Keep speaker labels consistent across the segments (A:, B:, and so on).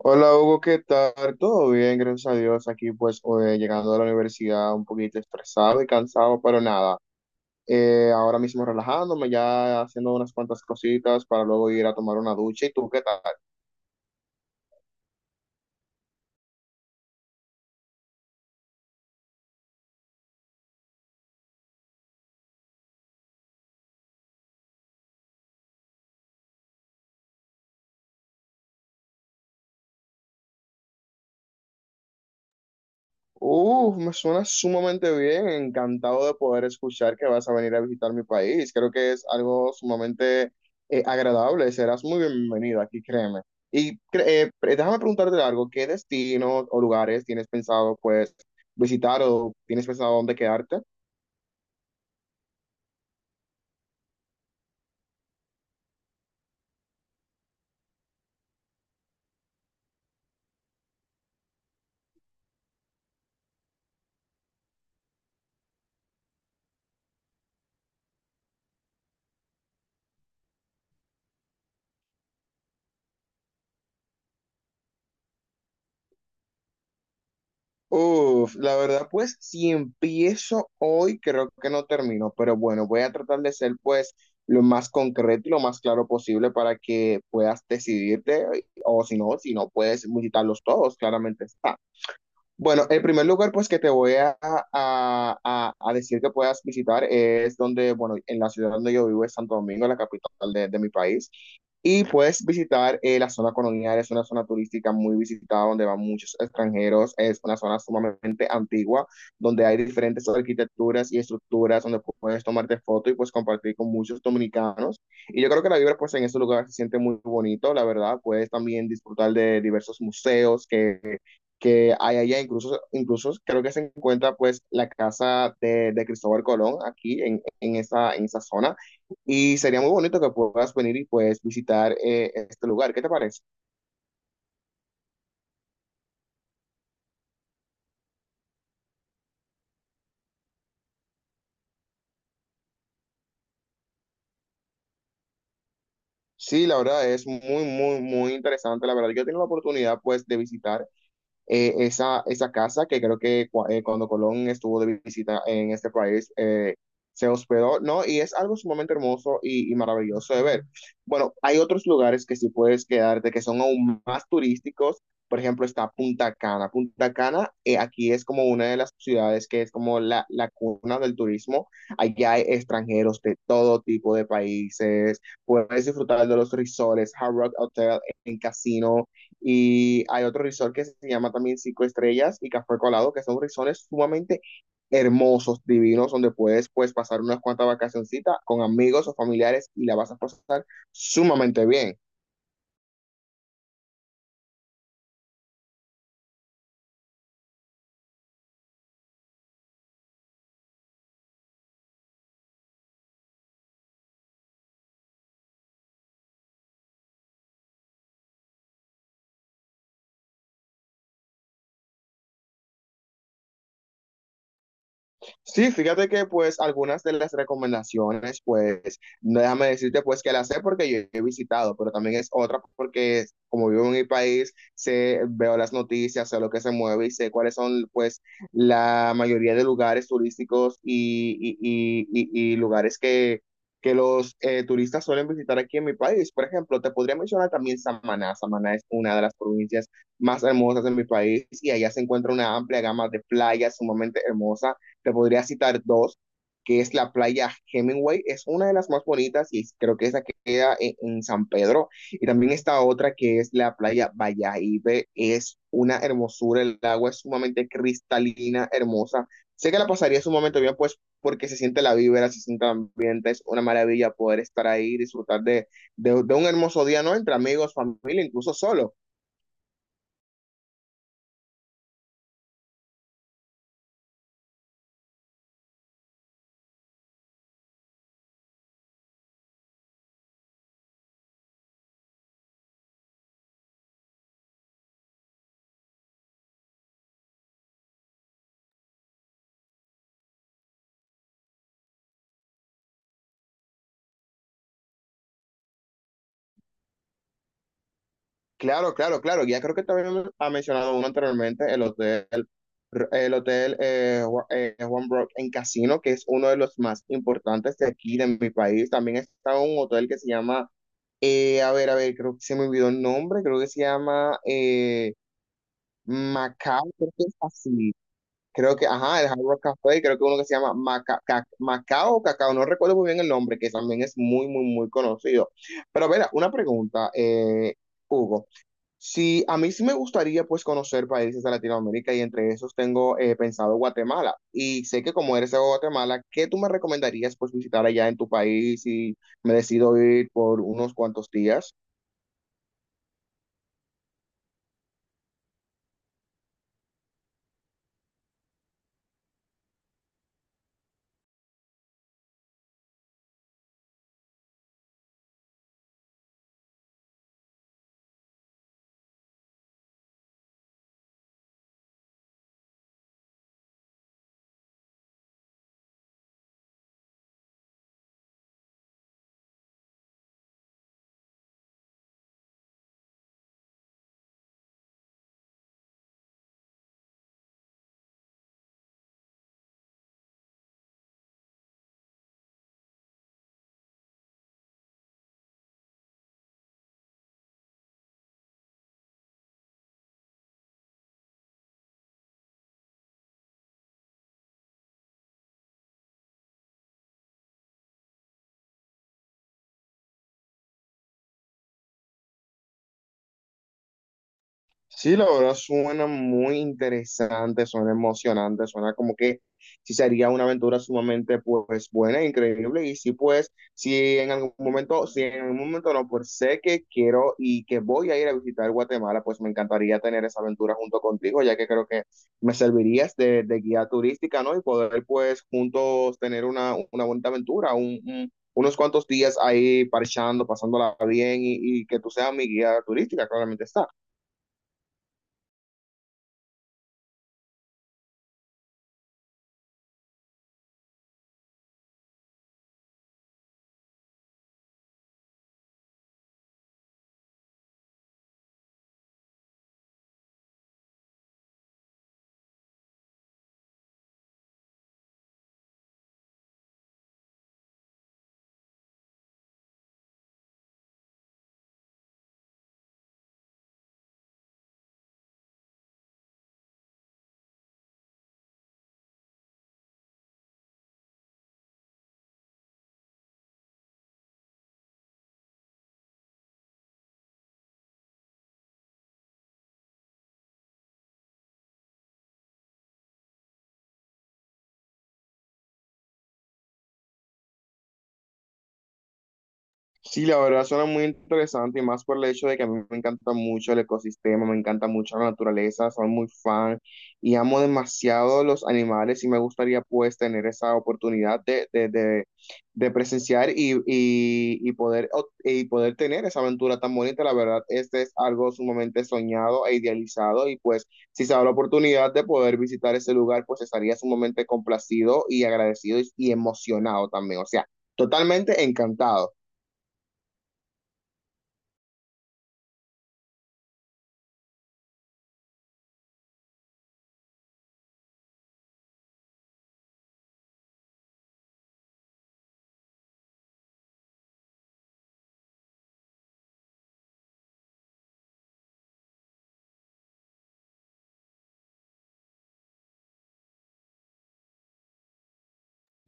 A: Hola Hugo, ¿qué tal? Todo bien, gracias a Dios. Aquí pues llegando a la universidad un poquito estresado y cansado, pero nada. Ahora mismo relajándome, ya haciendo unas cuantas cositas para luego ir a tomar una ducha. ¿Y tú qué tal? Uf, me suena sumamente bien, encantado de poder escuchar que vas a venir a visitar mi país. Creo que es algo sumamente agradable, serás muy bienvenido aquí, créeme. Déjame preguntarte algo, ¿qué destinos o lugares tienes pensado pues visitar o tienes pensado dónde quedarte? Uf, la verdad, pues si empiezo hoy, creo que no termino, pero bueno, voy a tratar de ser pues lo más concreto y lo más claro posible para que puedas decidirte, o si no, si no puedes visitarlos todos, claramente está. Bueno, el primer lugar pues que te voy a decir que puedas visitar es donde, bueno, en la ciudad donde yo vivo es Santo Domingo, la capital de mi país. Y puedes visitar la zona colonial, es una zona turística muy visitada donde van muchos extranjeros, es una zona sumamente antigua, donde hay diferentes arquitecturas y estructuras donde puedes tomarte fotos y pues compartir con muchos dominicanos. Y yo creo que la vibra pues en ese lugar se siente muy bonito, la verdad, puedes también disfrutar de diversos museos que hay allá, incluso, incluso creo que se encuentra pues la casa de Cristóbal Colón aquí en esa zona y sería muy bonito que puedas venir y pues visitar este lugar, ¿qué te parece? Sí, la verdad es muy, muy, muy interesante, la verdad yo he tenido la oportunidad pues de visitar esa casa que creo que cuando Colón estuvo de visita en este país, se hospedó, ¿no? Y es algo sumamente hermoso y maravilloso de ver. Bueno, hay otros lugares que sí puedes quedarte que son aún más turísticos. Por ejemplo, está Punta Cana. Punta Cana, aquí es como una de las ciudades que es como la cuna del turismo. Allá hay extranjeros de todo tipo de países. Puedes disfrutar de los resorts, Hard Rock Hotel en casino. Y hay otro resort que se llama también Cinco Estrellas y Café Colado, que son resorts sumamente hermosos, divinos, donde puedes pues pasar unas cuantas vacacioncitas con amigos o familiares y la vas a pasar sumamente bien. Sí, fíjate que pues algunas de las recomendaciones, pues no déjame decirte pues que las sé porque yo he visitado, pero también es otra porque como vivo en mi país, sé, veo las noticias, sé lo que se mueve y sé cuáles son pues la mayoría de lugares turísticos y lugares que los turistas suelen visitar aquí en mi país. Por ejemplo, te podría mencionar también Samaná. Samaná es una de las provincias más hermosas de mi país y allá se encuentra una amplia gama de playas sumamente hermosas te podría citar dos, que es la playa Hemingway, es una de las más bonitas y creo que esa queda en San Pedro. Y también está otra que es la playa Valladolid, es una hermosura, el agua es sumamente cristalina, hermosa. Sé que la pasaría sumamente bien, pues porque se siente la vibra, se siente el ambiente, es una maravilla poder estar ahí, disfrutar de un hermoso día, ¿no? Entre amigos, familia, incluso solo. Claro, claro, claro. Ya creo que también ha mencionado uno anteriormente, el hotel Juan Brock en Casino, que es uno de los más importantes de aquí, de mi país. También está un hotel que se llama, a ver, creo que se me olvidó el nombre, creo que se llama Macao, creo que es así. Creo que, ajá, el Hard Rock Café, creo que uno que se llama Macao, Cacao, no recuerdo muy bien el nombre, que también es muy, muy, muy conocido. Pero, a ver, una pregunta, Hugo. Sí, a mí sí me gustaría pues conocer países de Latinoamérica y entre esos tengo pensado Guatemala. Y sé que como eres de Guatemala, ¿qué tú me recomendarías pues visitar allá en tu país y me decido ir por unos cuantos días? Sí, la verdad suena muy interesante, suena emocionante, suena como que sí sería una aventura sumamente pues buena, increíble y sí pues si en algún momento, si en algún momento no, pues sé que quiero y que voy a ir a visitar Guatemala, pues me encantaría tener esa aventura junto contigo, ya que creo que me servirías de guía turística, ¿no? Y poder pues juntos tener una bonita aventura, unos cuantos días ahí parchando, pasándola bien y que tú seas mi guía turística, claramente está. Sí, la verdad suena muy interesante y más por el hecho de que a mí me encanta mucho el ecosistema, me encanta mucho la naturaleza, soy muy fan y amo demasiado los animales y me gustaría pues tener esa oportunidad de presenciar y poder, y poder tener esa aventura tan bonita. La verdad, este es algo sumamente soñado e idealizado y pues si se da la oportunidad de poder visitar ese lugar, pues estaría sumamente complacido y agradecido y emocionado también, o sea, totalmente encantado.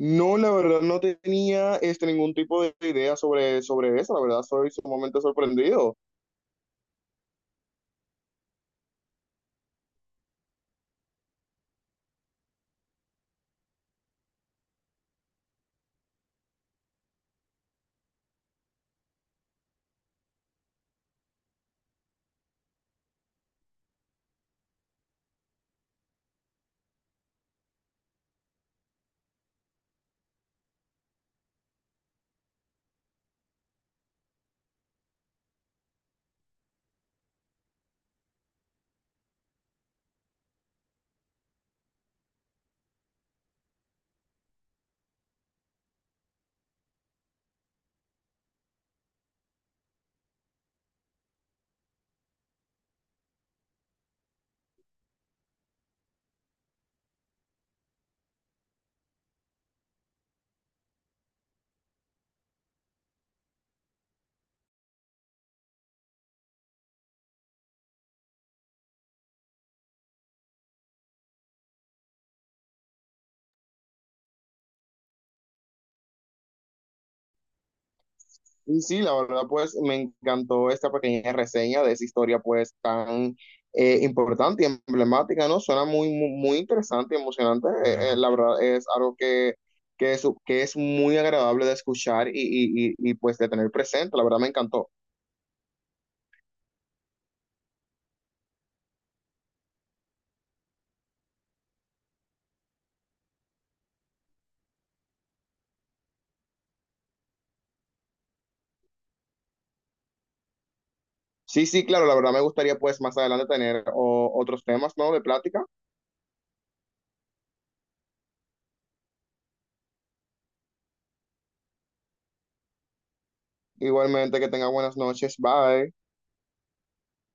A: No, la verdad no tenía este, ningún tipo de idea sobre, sobre eso, la verdad soy sumamente sorprendido. Y sí, la verdad pues me encantó esta pequeña reseña de esa historia pues tan importante y emblemática, ¿no? Suena muy, muy, muy interesante y emocionante, la verdad es algo que es muy agradable de escuchar pues de tener presente, la verdad me encantó. Sí, sí, claro, la verdad me gustaría pues más adelante tener otros temas, ¿no? De plática. Igualmente que tenga buenas noches, bye.